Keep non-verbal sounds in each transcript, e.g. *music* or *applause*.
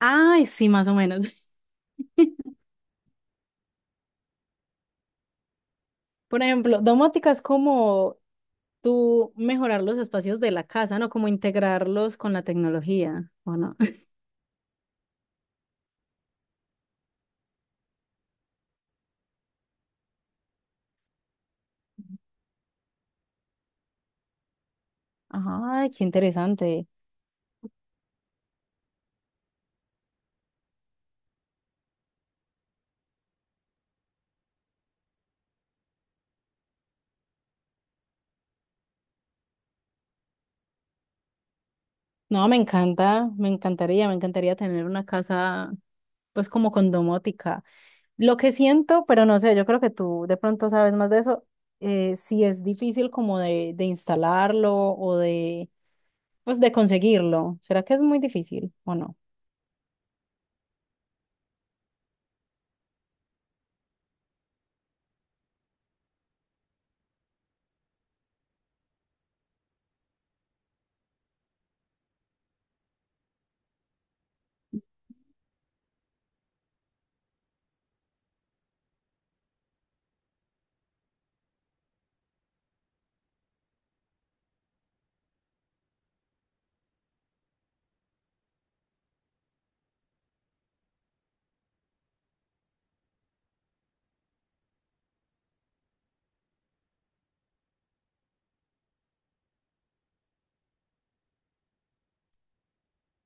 Ay, sí, más o menos. *laughs* Por ejemplo, domótica es como tú mejorar los espacios de la casa, ¿no? Como integrarlos con la tecnología, ¿o no? *laughs* Ay, qué interesante. No, me encanta, me encantaría tener una casa, pues como con domótica. Lo que siento, pero no sé, yo creo que tú de pronto sabes más de eso, si es difícil como de instalarlo o de, pues de conseguirlo. ¿Será que es muy difícil o no?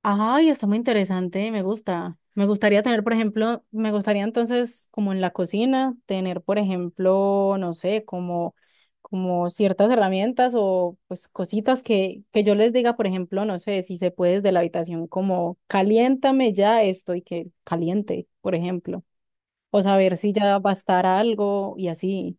Ay, está muy interesante, me gusta. Me gustaría tener, por ejemplo, me gustaría entonces, como en la cocina, tener, por ejemplo, no sé, como, como ciertas herramientas o pues cositas que yo les diga, por ejemplo, no sé, si se puede desde la habitación, como caliéntame ya esto y que caliente, por ejemplo. O saber si ya va a estar algo y así.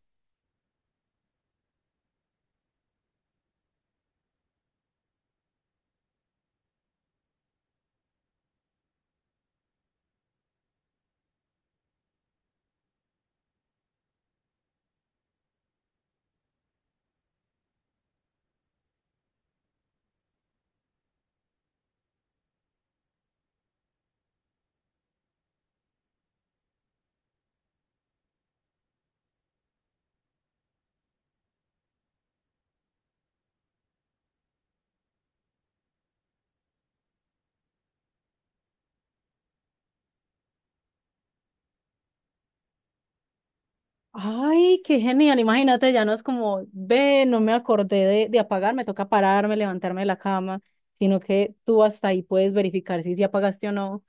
Ay, qué genial, imagínate, ya no es como, ve, no me acordé de apagar, me toca pararme, levantarme de la cama, sino que tú hasta ahí puedes verificar si, si apagaste o no.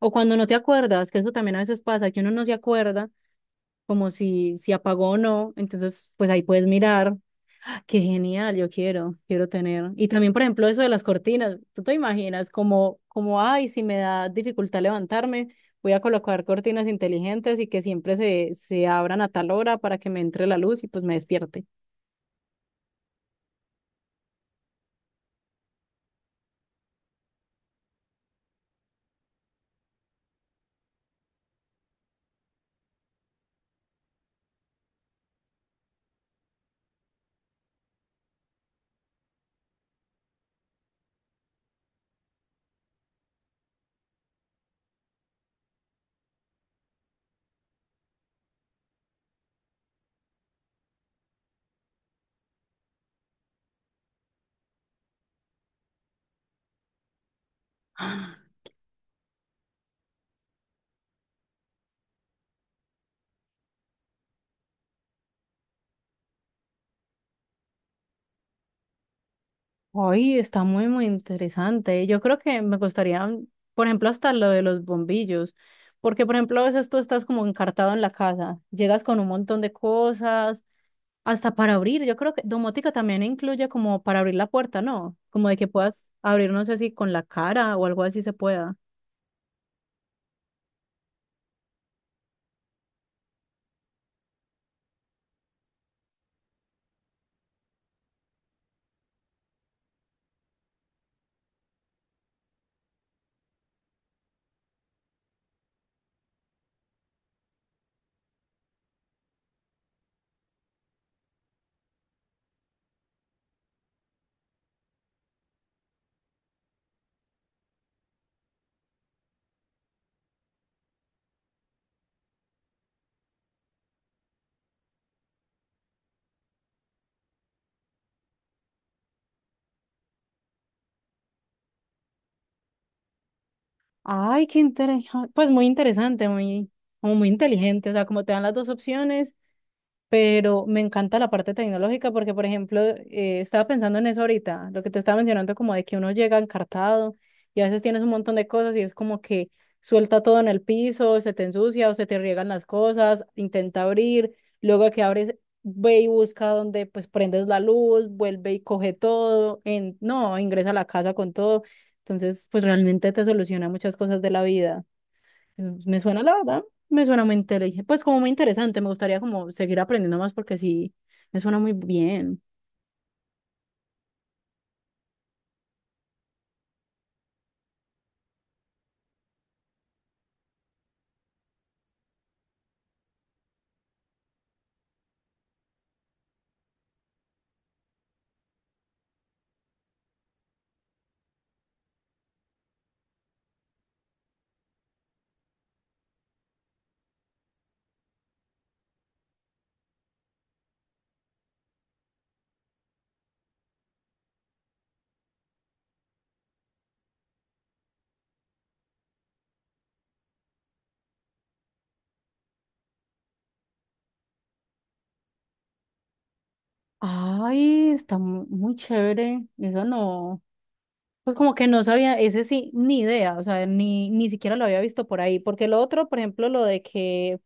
O cuando no te acuerdas, que eso también a veces pasa, que uno no se acuerda como si, si apagó o no, entonces pues ahí puedes mirar. Qué genial, yo quiero, quiero tener. Y también, por ejemplo, eso de las cortinas, ¿tú te imaginas como, como, ay, si me da dificultad levantarme, voy a colocar cortinas inteligentes y que siempre se, se abran a tal hora para que me entre la luz y pues me despierte? ¡Ah! Ay, está muy, muy interesante. Yo creo que me gustaría, por ejemplo, hasta lo de los bombillos, porque, por ejemplo, a veces tú estás como encartado en la casa, llegas con un montón de cosas. Hasta para abrir, yo creo que domótica también incluye como para abrir la puerta, ¿no? Como de que puedas abrir, no sé si con la cara o algo así se pueda. Ay, qué interesante, pues muy interesante, muy, como muy inteligente, o sea, como te dan las dos opciones, pero me encanta la parte tecnológica porque, por ejemplo, estaba pensando en eso ahorita, lo que te estaba mencionando, como de que uno llega encartado y a veces tienes un montón de cosas y es como que suelta todo en el piso, se te ensucia o se te riegan las cosas, intenta abrir, luego que abres, ve y busca donde pues prendes la luz, vuelve y coge todo, en, no, ingresa a la casa con todo. Entonces, pues realmente te soluciona muchas cosas de la vida. Me suena, la verdad, me suena muy interesante. Pues como muy interesante, me gustaría como seguir aprendiendo más porque sí, me suena muy bien. Ay, está muy chévere. Eso no, pues como que no sabía, ese sí, ni idea, o sea, ni, ni siquiera lo había visto por ahí. Porque lo otro, por ejemplo,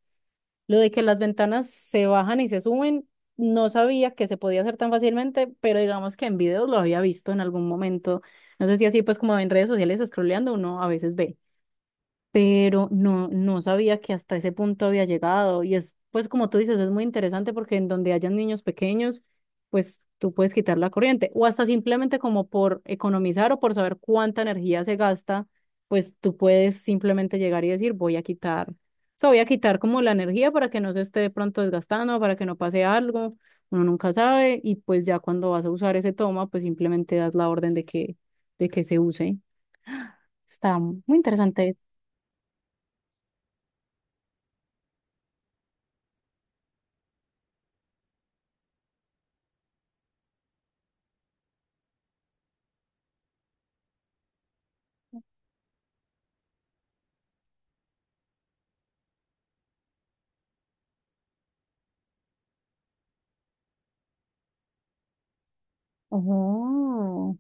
lo de que las ventanas se bajan y se suben, no sabía que se podía hacer tan fácilmente, pero digamos que en videos lo había visto en algún momento. No sé si así, pues como en redes sociales, scrolleando, uno a veces ve, pero no, no sabía que hasta ese punto había llegado. Y es, pues como tú dices, es muy interesante porque en donde hayan niños pequeños, pues tú puedes quitar la corriente o hasta simplemente como por economizar o por saber cuánta energía se gasta, pues tú puedes simplemente llegar y decir, voy a quitar, o sea, voy a quitar como la energía para que no se esté de pronto desgastando, para que no pase algo, uno nunca sabe y pues ya cuando vas a usar ese toma, pues simplemente das la orden de de que se use. Está muy interesante. Oh,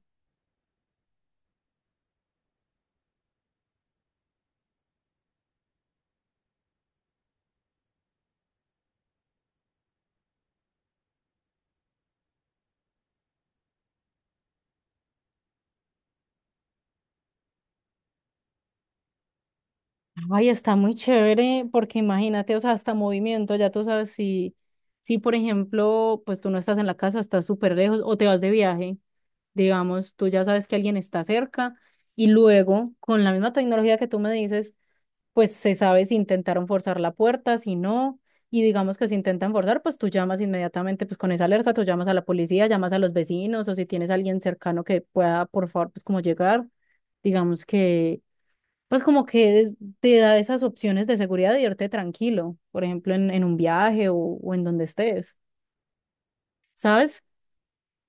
ay, está muy chévere porque imagínate, o sea, hasta movimiento, ya tú sabes si, si por ejemplo, pues tú no estás en la casa, estás súper lejos o te vas de viaje, digamos, tú ya sabes que alguien está cerca y luego con la misma tecnología que tú me dices, pues se sabe si intentaron forzar la puerta, si no, y digamos que si intentan forzar, pues tú llamas inmediatamente, pues con esa alerta, tú llamas a la policía, llamas a los vecinos o si tienes a alguien cercano que pueda, por favor, pues como llegar, digamos que pues como que te da esas opciones de seguridad de irte tranquilo, por ejemplo, en un viaje o en donde estés, ¿sabes?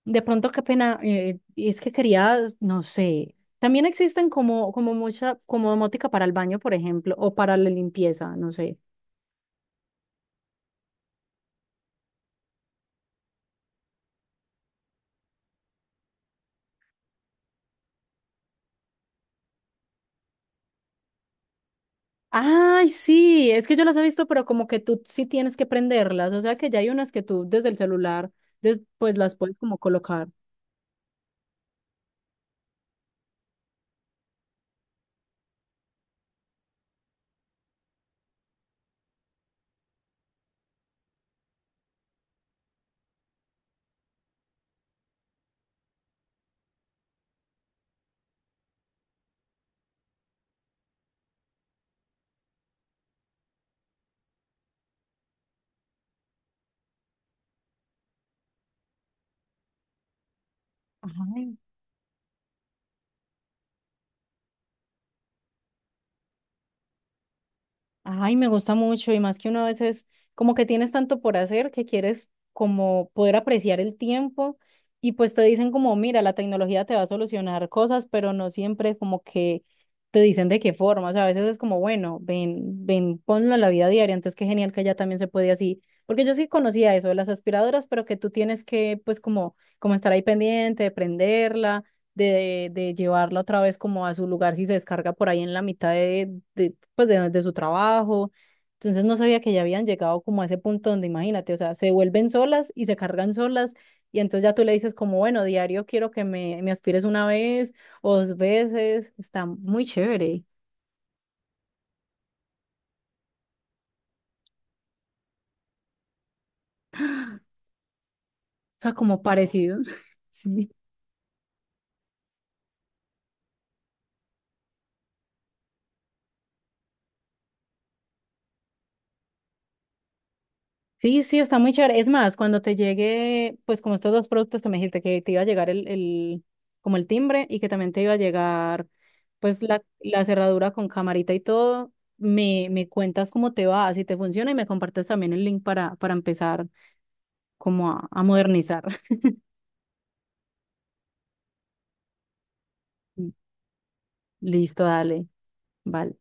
De pronto, qué pena, y es que quería, no sé, también existen como, como mucha, como domótica para el baño, por ejemplo, o para la limpieza, no sé. Ay, sí, es que yo las he visto, pero como que tú sí tienes que prenderlas, o sea que ya hay unas que tú desde el celular, pues las puedes como colocar. Ajá. Ay, me gusta mucho y más que uno a veces como que tienes tanto por hacer que quieres como poder apreciar el tiempo y pues te dicen como, mira, la tecnología te va a solucionar cosas, pero no siempre como que te dicen de qué forma, o sea, a veces es como, bueno, ven, ven, ponlo en la vida diaria, entonces qué genial que ya también se puede así, porque yo sí conocía eso de las aspiradoras, pero que tú tienes que pues como, como estar ahí pendiente, prenderla de llevarla otra vez como a su lugar si se descarga por ahí en la mitad pues de su trabajo. Entonces no sabía que ya habían llegado como a ese punto donde imagínate, o sea, se vuelven solas y se cargan solas y entonces ya tú le dices como, bueno, diario quiero que me aspires una vez o dos veces, está muy chévere, o sea, como parecido. *laughs* Sí. Sí, sí, está muy chévere. Es más, cuando te llegue, pues como estos dos productos que me dijiste, que te iba a llegar el, como el timbre y que también te iba a llegar, pues la cerradura con camarita y todo, me cuentas cómo te va, si te funciona y me compartes también el link para empezar como a modernizar. *laughs* Listo, dale, vale.